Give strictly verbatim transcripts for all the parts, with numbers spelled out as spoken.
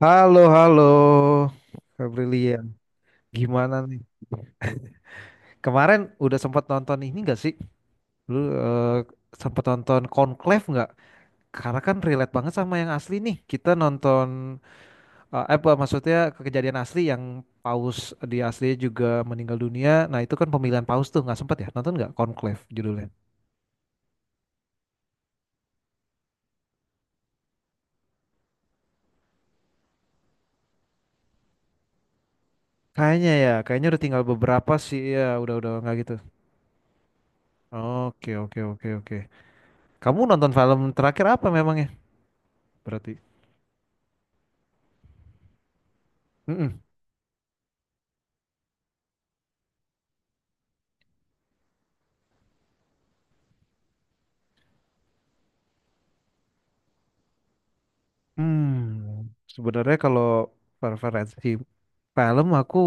Halo, halo, Kak Brilian. Gimana nih? Kemarin udah sempat nonton ini gak sih? Lu sempat nonton Conclave nggak? Karena kan relate banget sama yang asli nih. Kita nonton, eh eh, apa maksudnya kejadian asli yang Paus di asli juga meninggal dunia. Nah itu kan pemilihan Paus tuh nggak sempat ya? Nonton nggak Conclave judulnya? Kayaknya ya, kayaknya udah tinggal beberapa sih ya. Udah udah nggak gitu. Oke, oke, oke, oke. Kamu nonton film terakhir apa memangnya? Berarti? Mm-mm. Hmm, sebenarnya kalau preferensi film aku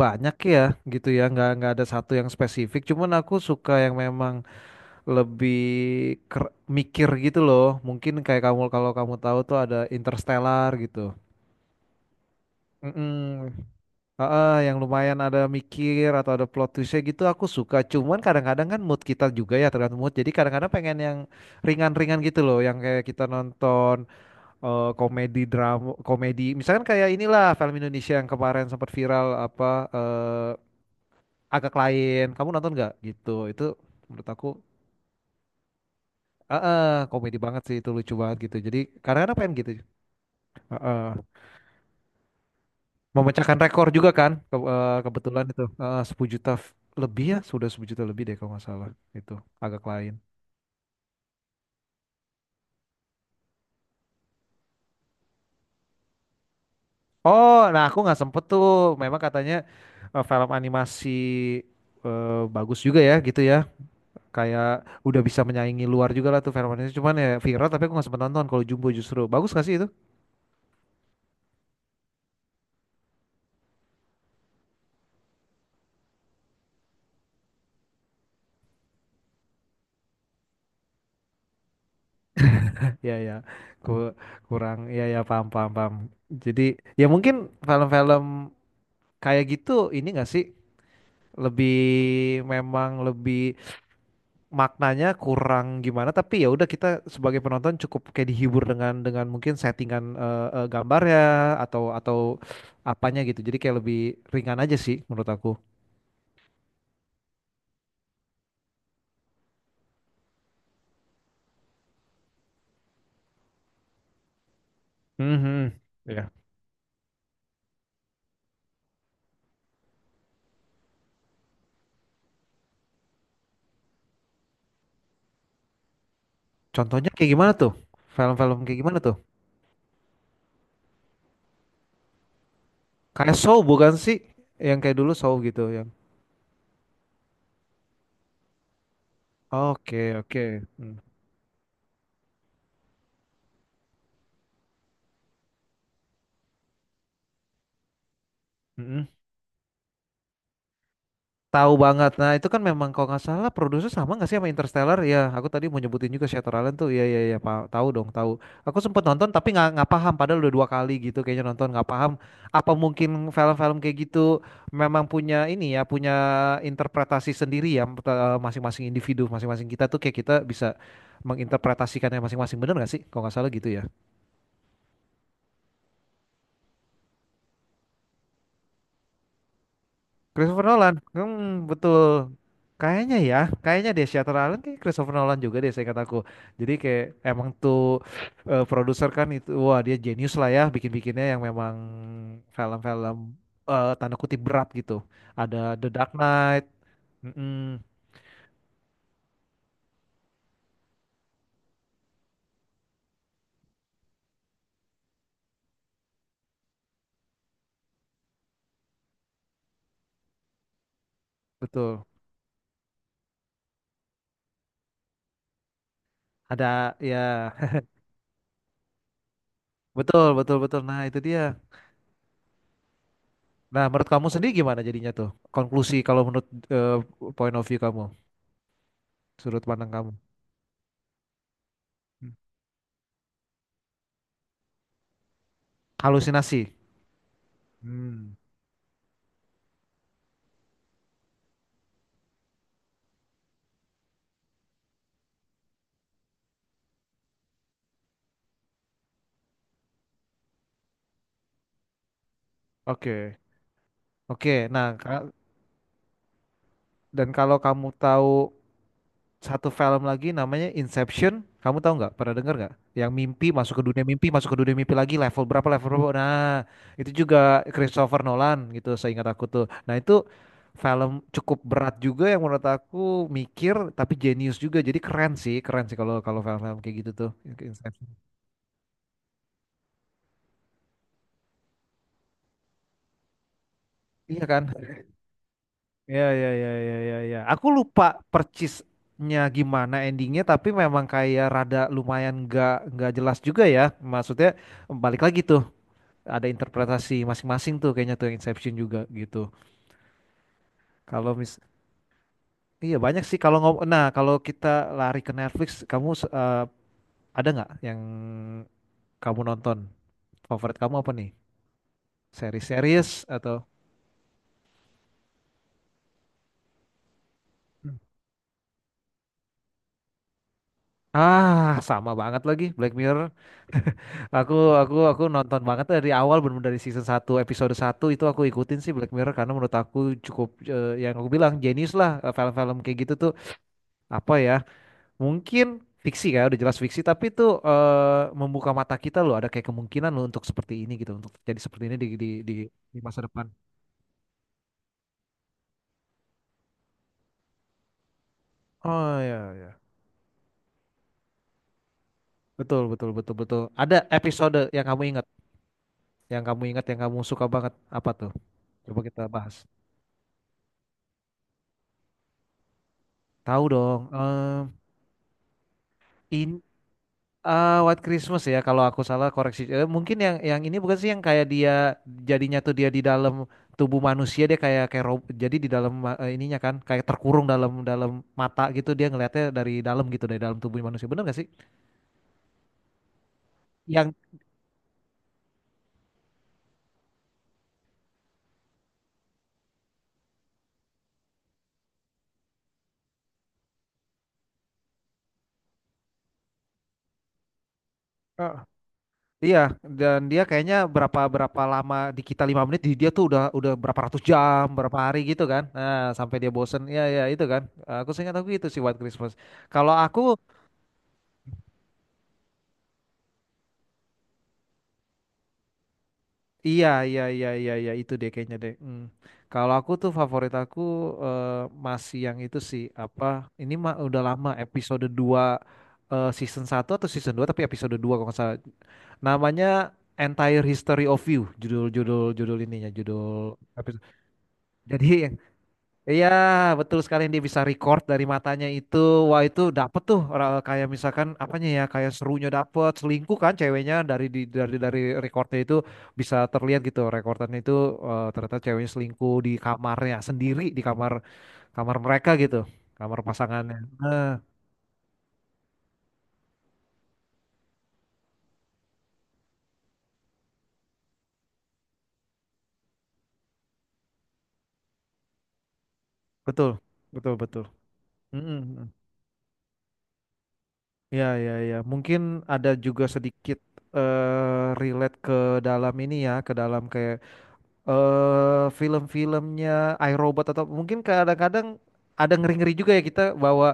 banyak ya gitu ya nggak nggak ada satu yang spesifik cuman aku suka yang memang lebih ker- mikir gitu loh, mungkin kayak kamu, kalau kamu tahu tuh ada Interstellar gitu. Mm-mm. Heeh, yang lumayan ada mikir atau ada plot twistnya gitu aku suka, cuman kadang-kadang kan mood kita juga ya, tergantung mood, jadi kadang-kadang pengen yang ringan-ringan gitu loh, yang kayak kita nonton, eh, komedi, drama komedi, misalkan kayak inilah film Indonesia yang kemarin sempat viral, apa, eh, agak lain, kamu nonton nggak gitu itu? Menurut aku eh, eh, komedi banget sih itu, lucu banget gitu. Jadi kadang-kadang pengen gitu eh, eh. Memecahkan rekor juga kan ke- eh, kebetulan itu eh, sepuluh juta f- lebih, ya sudah sepuluh juta lebih deh kalau nggak salah. Itu agak lain. Oh, nah aku nggak sempet tuh. Memang katanya eh, film animasi eh, bagus juga ya gitu ya, kayak udah bisa menyaingi luar juga lah tuh Velvet, cuman ya viral tapi aku nggak sempet nonton. Kalau Jumbo justru bagus gak sih itu? Ya, ya, ku- kurang ya, ya paham, paham, paham. Jadi ya mungkin film-film kayak gitu, ini gak sih, lebih memang lebih maknanya kurang gimana, tapi ya udah, kita sebagai penonton cukup kayak dihibur dengan dengan mungkin settingan eh, eh, gambarnya atau atau apanya gitu. Jadi kayak lebih ringan aja sih menurut aku. Mhm. Ya. Contohnya kayak gimana tuh? Film-film kayak gimana tuh? Kayak Saw bukan sih? Yang kayak dulu Saw gitu yang. Oke, oke. Hmm. Mm-mm. Tahu banget. Nah, itu kan memang kalau nggak salah produser sama nggak sih sama Interstellar? Ya, aku tadi mau nyebutin juga Shutter Island tuh. Iya, iya, iya, pa- tahu dong, tahu. Aku sempet nonton tapi nggak nggak paham. Padahal udah dua kali gitu kayaknya nonton nggak paham. Apa mungkin film-film kayak gitu memang punya ini ya, punya interpretasi sendiri ya, eh, masing-masing individu, masing-masing kita tuh kayak kita bisa menginterpretasikannya masing-masing, bener nggak sih? Kalau nggak salah gitu ya. Christopher Nolan, hmm, betul. Kayaknya ya, kayaknya deh Shutter Island kayak Christopher Nolan juga deh, saya kataku. Jadi kayak emang tuh eh, produser kan itu, wah dia jenius lah ya, bikin-bikinnya yang memang film-film eh, tanda kutip berat gitu. Ada The Dark Knight, mm-mm, betul. Ada ya, betul, betul, betul. Nah itu dia. Nah menurut kamu sendiri gimana jadinya tuh? Konklusi kalau menurut eh, point of view kamu, sudut pandang kamu. Hmm. Halusinasi. Hmm, oke. Oke, nah ka- dan kalau kamu tahu satu film lagi namanya Inception, kamu tahu nggak? Pernah dengar nggak? Yang mimpi masuk ke dunia mimpi, masuk ke dunia mimpi lagi, level berapa level berapa? Nah, itu juga Christopher Nolan gitu, seingat aku tuh. Nah itu film cukup berat juga, yang menurut aku mikir tapi jenius juga. Jadi keren sih, keren sih kalau kalau film-film kayak gitu tuh. Inception. Iya kan? Ya, ya, ya, ya, ya, ya. Aku lupa percisnya gimana endingnya, tapi memang kayak rada lumayan nggak nggak jelas juga ya. Maksudnya balik lagi tuh, ada interpretasi masing-masing tuh kayaknya tuh yang Inception juga gitu. Kalau mis, iya banyak sih kalau ngom, nah kalau kita lari ke Netflix, kamu eh, ada nggak yang kamu nonton? Favorit kamu apa nih? Seri-series atau? Ah, sama banget lagi Black Mirror. Aku, aku aku nonton banget dari awal, bener dari season satu episode satu itu aku ikutin sih Black Mirror, karena menurut aku cukup eh, yang aku bilang jenius lah, eh, film-film kayak gitu tuh, apa ya, mungkin fiksi, ya udah jelas fiksi, tapi tuh eh, membuka mata kita loh, ada kayak kemungkinan loh untuk seperti ini gitu, untuk jadi seperti ini di di di, di masa depan. Oh ya, ya. Betul, betul, betul, betul. Ada episode yang kamu ingat, yang kamu ingat, yang kamu suka banget apa tuh? Coba kita bahas. Tahu dong. Em, eh, White Christmas ya kalau aku salah koreksi. Eh, mungkin yang yang ini bukan sih yang kayak dia jadinya tuh, dia di dalam tubuh manusia, dia kayak kayak rob- jadi di dalam eh, ininya kan kayak terkurung dalam dalam mata gitu, dia ngelihatnya dari dalam gitu, dari dalam tubuh manusia, bener gak sih yang? Eh, iya, dan dia kayaknya berapa berapa lama di kita lima menit, di dia tuh udah udah berapa ratus jam, berapa hari gitu kan, nah sampai dia bosen, ya ya itu kan. Eh, aku seingat aku gitu sih White Christmas kalau aku. Iya, iya, iya, iya, iya, itu deh kayaknya deh. Hmm. Kalau aku tuh favorit aku eh, masih yang itu sih, apa? Ini mah udah lama, episode dua, eh, season satu atau season dua, tapi episode dua kalau nggak salah. Namanya Entire History of You, judul judul judul ininya, judul episode. Jadi, iya, betul sekali, yang dia bisa record dari matanya itu. Wah, itu dapet tuh, Ra- kayak misalkan apanya ya, kayak serunya dapet, selingkuh kan ceweknya dari di, dari dari recordnya itu bisa terlihat gitu. Rekordannya itu eh, ternyata ceweknya selingkuh di kamarnya sendiri, di kamar, kamar mereka gitu, kamar pasangannya. Nah, betul. Betul, betul. Mm-mm. Ya, ya, ya. Mungkin ada juga sedikit eh relate ke dalam ini ya, ke dalam kayak eh film-filmnya iRobot, atau mungkin kadang-kadang ada ngeri-ngeri juga ya kita, bahwa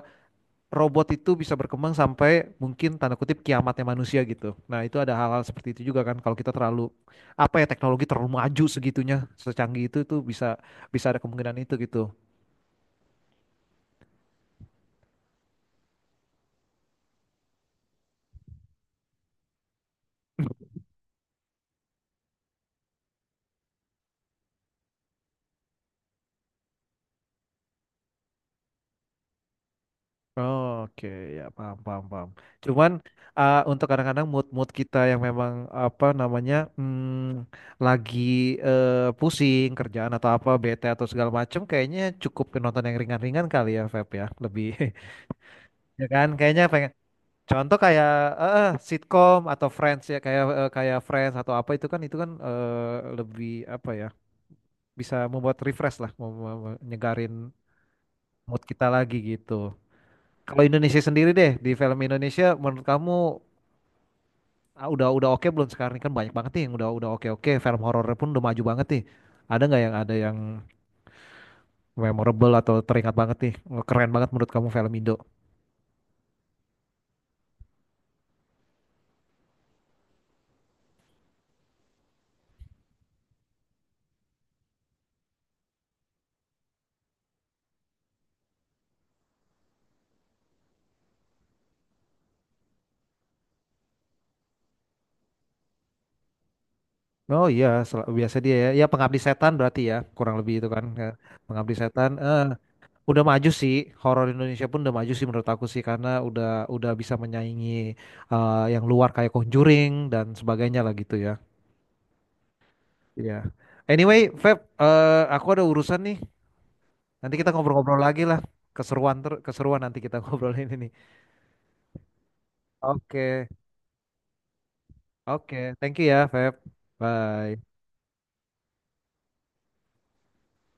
robot itu bisa berkembang sampai mungkin tanda kutip kiamatnya manusia gitu. Nah, itu ada hal-hal seperti itu juga kan kalau kita terlalu, apa ya, teknologi terlalu maju segitunya, secanggih itu itu bisa, bisa ada kemungkinan itu gitu. Oke, ya paham, paham, paham. Cuman uh, untuk kadang-kadang mood-mood kita yang memang apa namanya, hmm, lagi eh, pusing kerjaan atau apa, bete atau segala macem, kayaknya cukup ke nonton yang ringan-ringan kali ya, Feb ya, lebih ya kan? Kayaknya pengen, contoh kayak eh, eh, sitkom atau Friends ya, kayak eh, kayak Friends atau apa itu, kan itu kan eh, lebih apa ya? Bisa membuat refresh lah, mem- mem- nyegarin mood kita lagi gitu. Kalau Indonesia sendiri deh, di film Indonesia menurut kamu ah, udah, udah oke belum sekarang ini? Kan banyak banget nih yang udah, udah oke, oke film horornya pun udah maju banget nih. Ada nggak yang ada yang memorable atau teringat banget nih, keren banget menurut kamu film Indo? Oh iya, sel- biasa dia ya. Ya Pengabdi Setan berarti ya kurang lebih itu kan. Ya, Pengabdi Setan. Eh, udah maju sih, horor Indonesia pun udah maju sih menurut aku sih, karena udah udah bisa menyaingi eh, yang luar kayak Conjuring dan sebagainya lah gitu ya. Iya. Anyway, Feb, eh, aku ada urusan nih. Nanti kita ngobrol-ngobrol lagi lah. Keseruan, ter keseruan nanti kita ngobrolin ini. Oke, oke. Thank you ya, Feb. Bye.